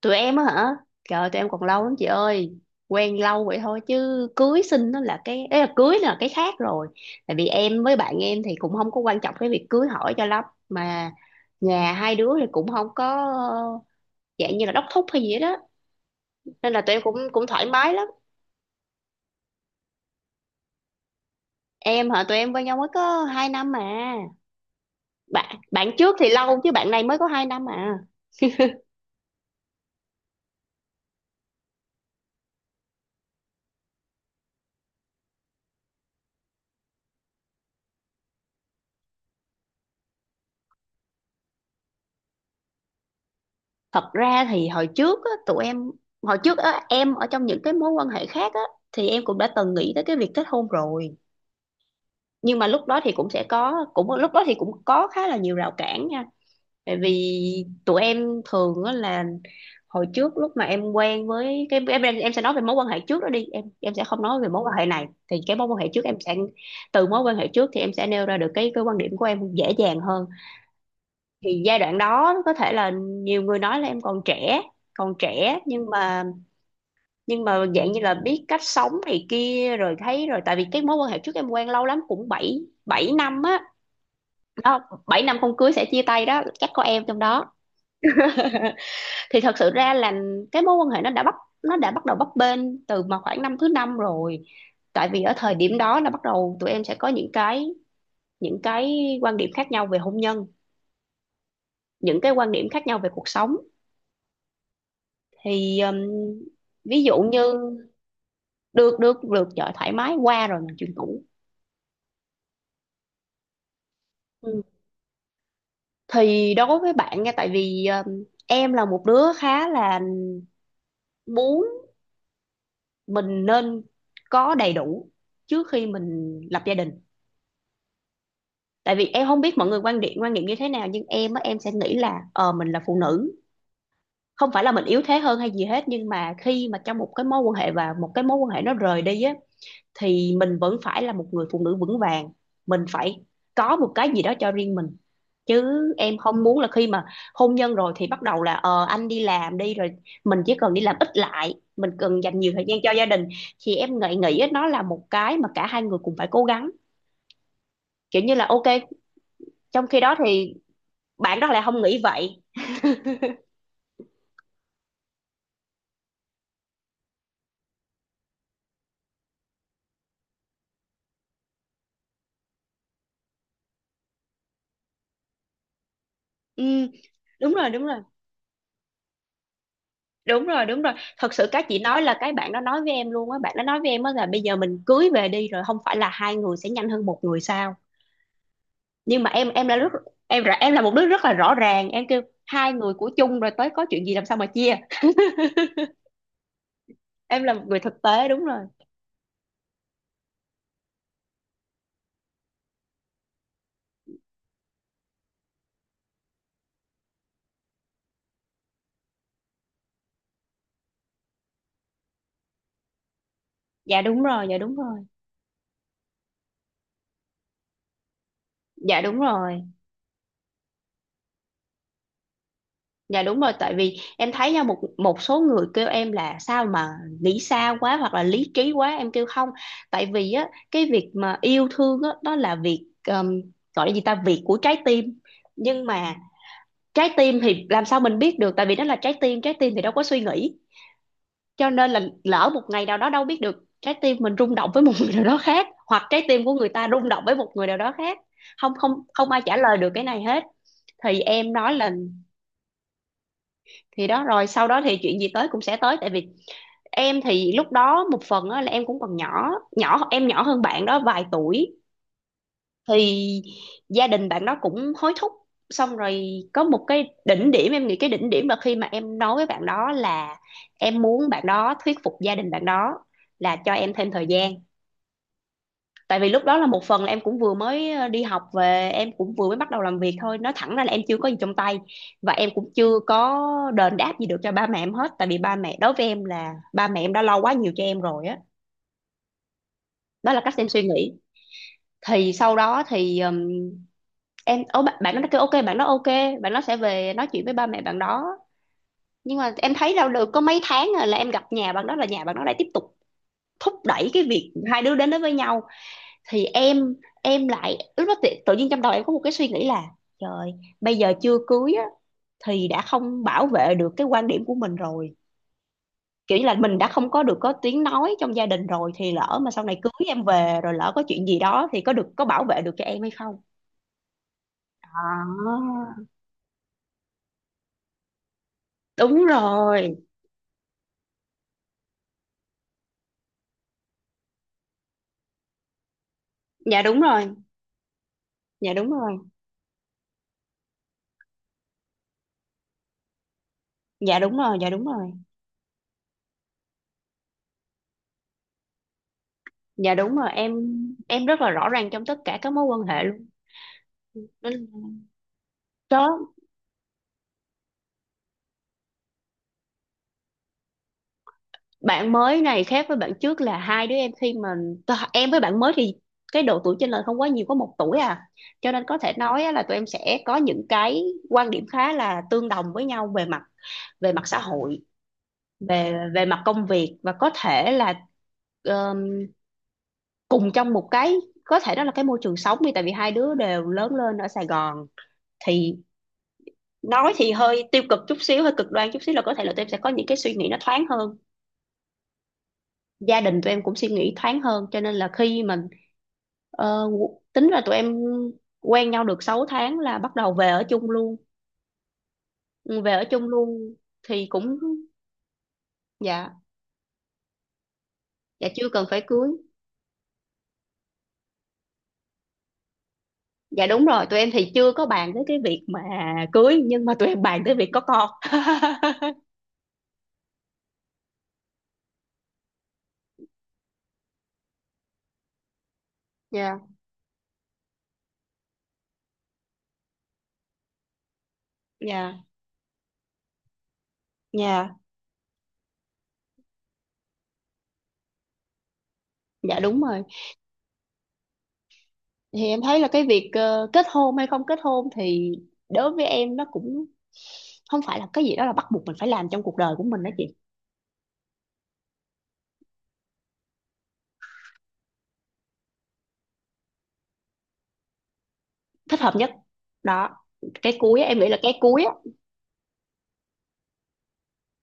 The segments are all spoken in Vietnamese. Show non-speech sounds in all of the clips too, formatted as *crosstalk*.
Tụi em á hả? Trời, tụi em còn lâu lắm chị ơi. Quen lâu vậy thôi chứ cưới xin nó là cái ấy, là cưới là cái khác rồi. Tại vì em với bạn em thì cũng không có quan trọng cái việc cưới hỏi cho lắm mà. Nhà hai đứa thì cũng không có, ờ, dạng như là đốc thúc hay gì hết đó. Nên là tụi em cũng cũng thoải mái lắm. Em hả? Tụi em quen nhau mới có 2 năm mà. Bạn bạn trước thì lâu, chứ bạn này mới có 2 năm à. Thật ra thì hồi trước á, em ở trong những cái mối quan hệ khác á, thì em cũng đã từng nghĩ tới cái việc kết hôn rồi. Nhưng mà lúc đó thì cũng có khá là nhiều rào cản nha. Tại vì tụi em thường á, là hồi trước lúc mà em quen với cái em sẽ nói về mối quan hệ trước đó đi, em sẽ không nói về mối quan hệ này. Thì cái mối quan hệ trước em sẽ từ mối quan hệ trước thì em sẽ nêu ra được cái quan điểm của em dễ dàng hơn. Thì giai đoạn đó có thể là nhiều người nói là em còn trẻ, còn trẻ nhưng mà dạng như là biết cách sống này kia rồi, thấy rồi. Tại vì cái mối quan hệ trước em quen lâu lắm, cũng bảy, 7 năm á. Đó, 7 năm không cưới sẽ chia tay đó, chắc có em trong đó. Thì thật sự ra là cái mối quan hệ nó đã bắt đầu bấp bênh từ mà khoảng năm thứ năm rồi. Tại vì ở thời điểm đó là bắt đầu tụi em sẽ có những cái quan điểm khác nhau về hôn nhân, những cái quan điểm khác nhau về cuộc sống. Thì ví dụ như... được được được chợ thoải mái qua rồi mình chuyển cũ. Ừ. Thì đối với bạn nha, tại vì em là một đứa khá là muốn mình nên có đầy đủ trước khi mình lập gia đình. Tại vì em không biết mọi người quan điểm, quan niệm như thế nào, nhưng em á em sẽ nghĩ là, mình là phụ nữ, không phải là mình yếu thế hơn hay gì hết, nhưng mà khi mà trong một cái mối quan hệ, và một cái mối quan hệ nó rời đi á, thì mình vẫn phải là một người phụ nữ vững vàng, mình phải có một cái gì đó cho riêng mình chứ. Em không muốn là khi mà hôn nhân rồi thì bắt đầu là, anh đi làm đi, rồi mình chỉ cần đi làm ít lại, mình cần dành nhiều thời gian cho gia đình. Thì em nghĩ nghĩ nó là một cái mà cả hai người cùng phải cố gắng, kiểu như là ok. Trong khi đó thì bạn đó lại không nghĩ vậy. Ừ, đúng rồi, đúng rồi, đúng rồi, đúng rồi. Thật sự cái chị nói là cái bạn đó nói với em á, là bây giờ mình cưới về đi, rồi không phải là hai người sẽ nhanh hơn một người sao? Nhưng mà em là rất em ra- em là một đứa rất là rõ ràng, em kêu hai người của chung rồi tới có chuyện gì làm sao mà chia. Em là một người thực tế, đúng rồi. Dạ đúng rồi, dạ đúng rồi, dạ đúng rồi, dạ đúng rồi. Tại vì em thấy nha, một một số người kêu em là sao mà nghĩ xa quá hoặc là lý trí quá, em kêu không. Tại vì á cái việc mà yêu thương á, đó là việc, gọi là gì ta, việc của trái tim. Nhưng mà trái tim thì làm sao mình biết được, tại vì đó là trái tim. Trái tim thì đâu có suy nghĩ. Cho nên là lỡ một ngày nào đó đâu biết được, trái tim mình rung động với một người nào đó khác, hoặc trái tim của người ta rung động với một người nào đó khác. Không, không, không ai trả lời được cái này hết. Thì em nói là, thì đó, rồi sau đó thì chuyện gì tới cũng sẽ tới. Tại vì em thì lúc đó một phần là em cũng còn nhỏ, em nhỏ hơn bạn đó vài tuổi. Thì gia đình bạn đó cũng hối thúc. Xong rồi có một cái đỉnh điểm, em nghĩ cái đỉnh điểm là khi mà em nói với bạn đó là em muốn bạn đó thuyết phục gia đình bạn đó là cho em thêm thời gian. Tại vì lúc đó là một phần là em cũng vừa mới đi học về, em cũng vừa mới bắt đầu làm việc thôi, nói thẳng ra là em chưa có gì trong tay, và em cũng chưa có đền đáp gì được cho ba mẹ em hết. Tại vì ba mẹ đối với em là ba mẹ em đã lo quá nhiều cho em rồi á. Đó là cách em suy nghĩ. Thì sau đó thì em ô bạn nó kêu ok, bạn nó ok, bạn nó sẽ về nói chuyện với ba mẹ bạn đó. Nhưng mà em thấy đâu được có mấy tháng rồi là em gặp nhà bạn đó, là nhà bạn đó lại tiếp tục thúc đẩy cái việc hai đứa đến đó với nhau. Thì em lại lúc đó tự nhiên trong đầu em có một cái suy nghĩ là, trời, bây giờ chưa cưới á, thì đã không bảo vệ được cái quan điểm của mình rồi. Kiểu như là mình đã không có được có tiếng nói trong gia đình rồi, thì lỡ mà sau này cưới em về rồi lỡ có chuyện gì đó thì có được có bảo vệ được cho em hay không. À, đúng rồi. Dạ đúng rồi, dạ đúng rồi, dạ đúng rồi, dạ đúng rồi, dạ đúng rồi. Em rất là rõ ràng trong tất cả các mối quan hệ luôn. Nên đó, bạn mới này khác với bạn trước là hai đứa em khi mà em với bạn mới thì cái độ tuổi chênh lệch không quá nhiều, có 1 tuổi à. Cho nên có thể nói á là tụi em sẽ có những cái quan điểm khá là tương đồng với nhau về mặt, về mặt xã hội, về về mặt công việc, và có thể là um, cùng trong một cái, có thể đó là cái môi trường sống đi, tại vì hai đứa đều lớn lên ở Sài Gòn. Thì nói thì hơi tiêu cực chút xíu, hơi cực đoan chút xíu, là có thể là tụi em sẽ có những cái suy nghĩ nó thoáng hơn. Gia đình tụi em cũng suy nghĩ thoáng hơn, cho nên là khi mình ờ, tính là tụi em quen nhau được 6 tháng là bắt đầu về ở chung luôn. Ừ, về ở chung luôn. Thì cũng... dạ. Dạ, chưa cần phải cưới. Dạ đúng rồi, tụi em thì chưa có bàn tới cái việc mà cưới, nhưng mà tụi em bàn tới việc có con. *laughs* Dạ. Dạ. Dạ. Dạ đúng rồi. Thì em thấy là cái việc kết hôn hay không kết hôn thì đối với em nó cũng không phải là cái gì đó là bắt buộc mình phải làm trong cuộc đời của mình đó chị. Thích hợp nhất, đó. Cái cuối á, em nghĩ là cái cuối á.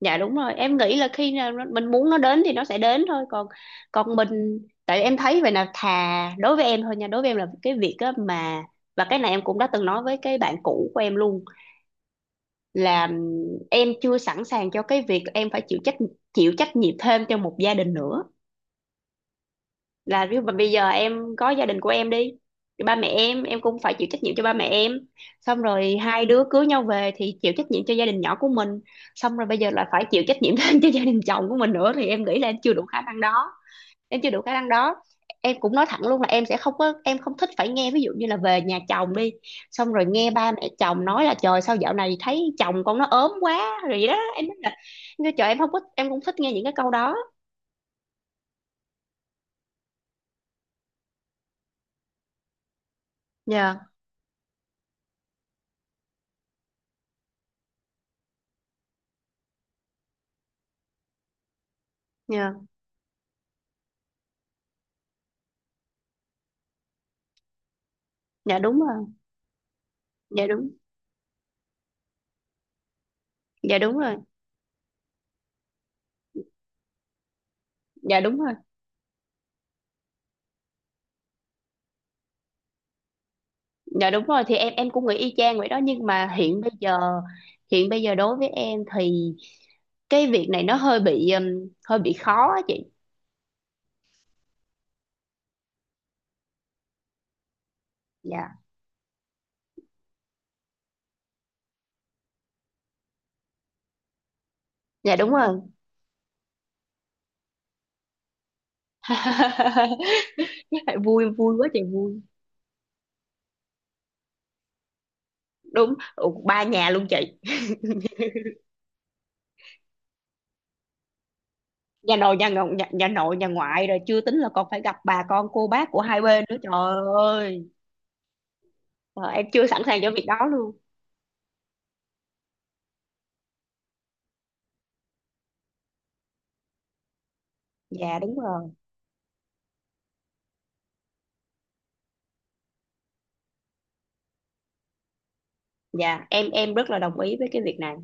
Dạ đúng rồi, em nghĩ là khi nào mình muốn nó đến thì nó sẽ đến thôi, còn còn mình... Tại em thấy vậy là thà đối với em thôi nha, đối với em là cái việc á mà, và cái này em cũng đã từng nói với cái bạn cũ của em luôn, là em chưa sẵn sàng cho cái việc em phải chịu trách nhiệm thêm cho một gia đình nữa. Là ví dụ mà bây giờ em có gia đình của em đi, thì ba mẹ em cũng phải chịu trách nhiệm cho ba mẹ em, xong rồi hai đứa cưới nhau về thì chịu trách nhiệm cho gia đình nhỏ của mình, xong rồi bây giờ là phải chịu trách nhiệm *laughs* thêm cho gia đình chồng của mình nữa. Thì em nghĩ là em chưa đủ khả năng đó. Em chưa đủ khả năng đó. Em cũng nói thẳng luôn là em sẽ không có em không thích phải nghe, ví dụ như là về nhà chồng đi xong rồi nghe ba mẹ chồng nói là, trời sao dạo này thấy chồng con nó ốm quá, rồi vậy đó. Em nói là, em kêu, trời, em không có em cũng thích nghe những cái câu đó. Dạ. Dạ. Dạ đúng rồi. Dạ đúng. Dạ đúng rồi, dạ đúng rồi, dạ đúng rồi. Thì em cũng nghĩ y chang vậy đó, nhưng mà hiện bây giờ đối với em thì cái việc này nó hơi bị khó á chị. Dạ. Dạ đúng rồi. *laughs* Vui, vui quá chị, vui. Đúng. Ừ, ba nhà luôn chị. Nhà nội nhà ngoại, rồi chưa tính là còn phải gặp bà con cô bác của hai bên nữa, trời ơi. Trời, em chưa sẵn sàng cho việc đó luôn. Dạ đúng rồi. Dạ, em rất là đồng ý với cái việc này.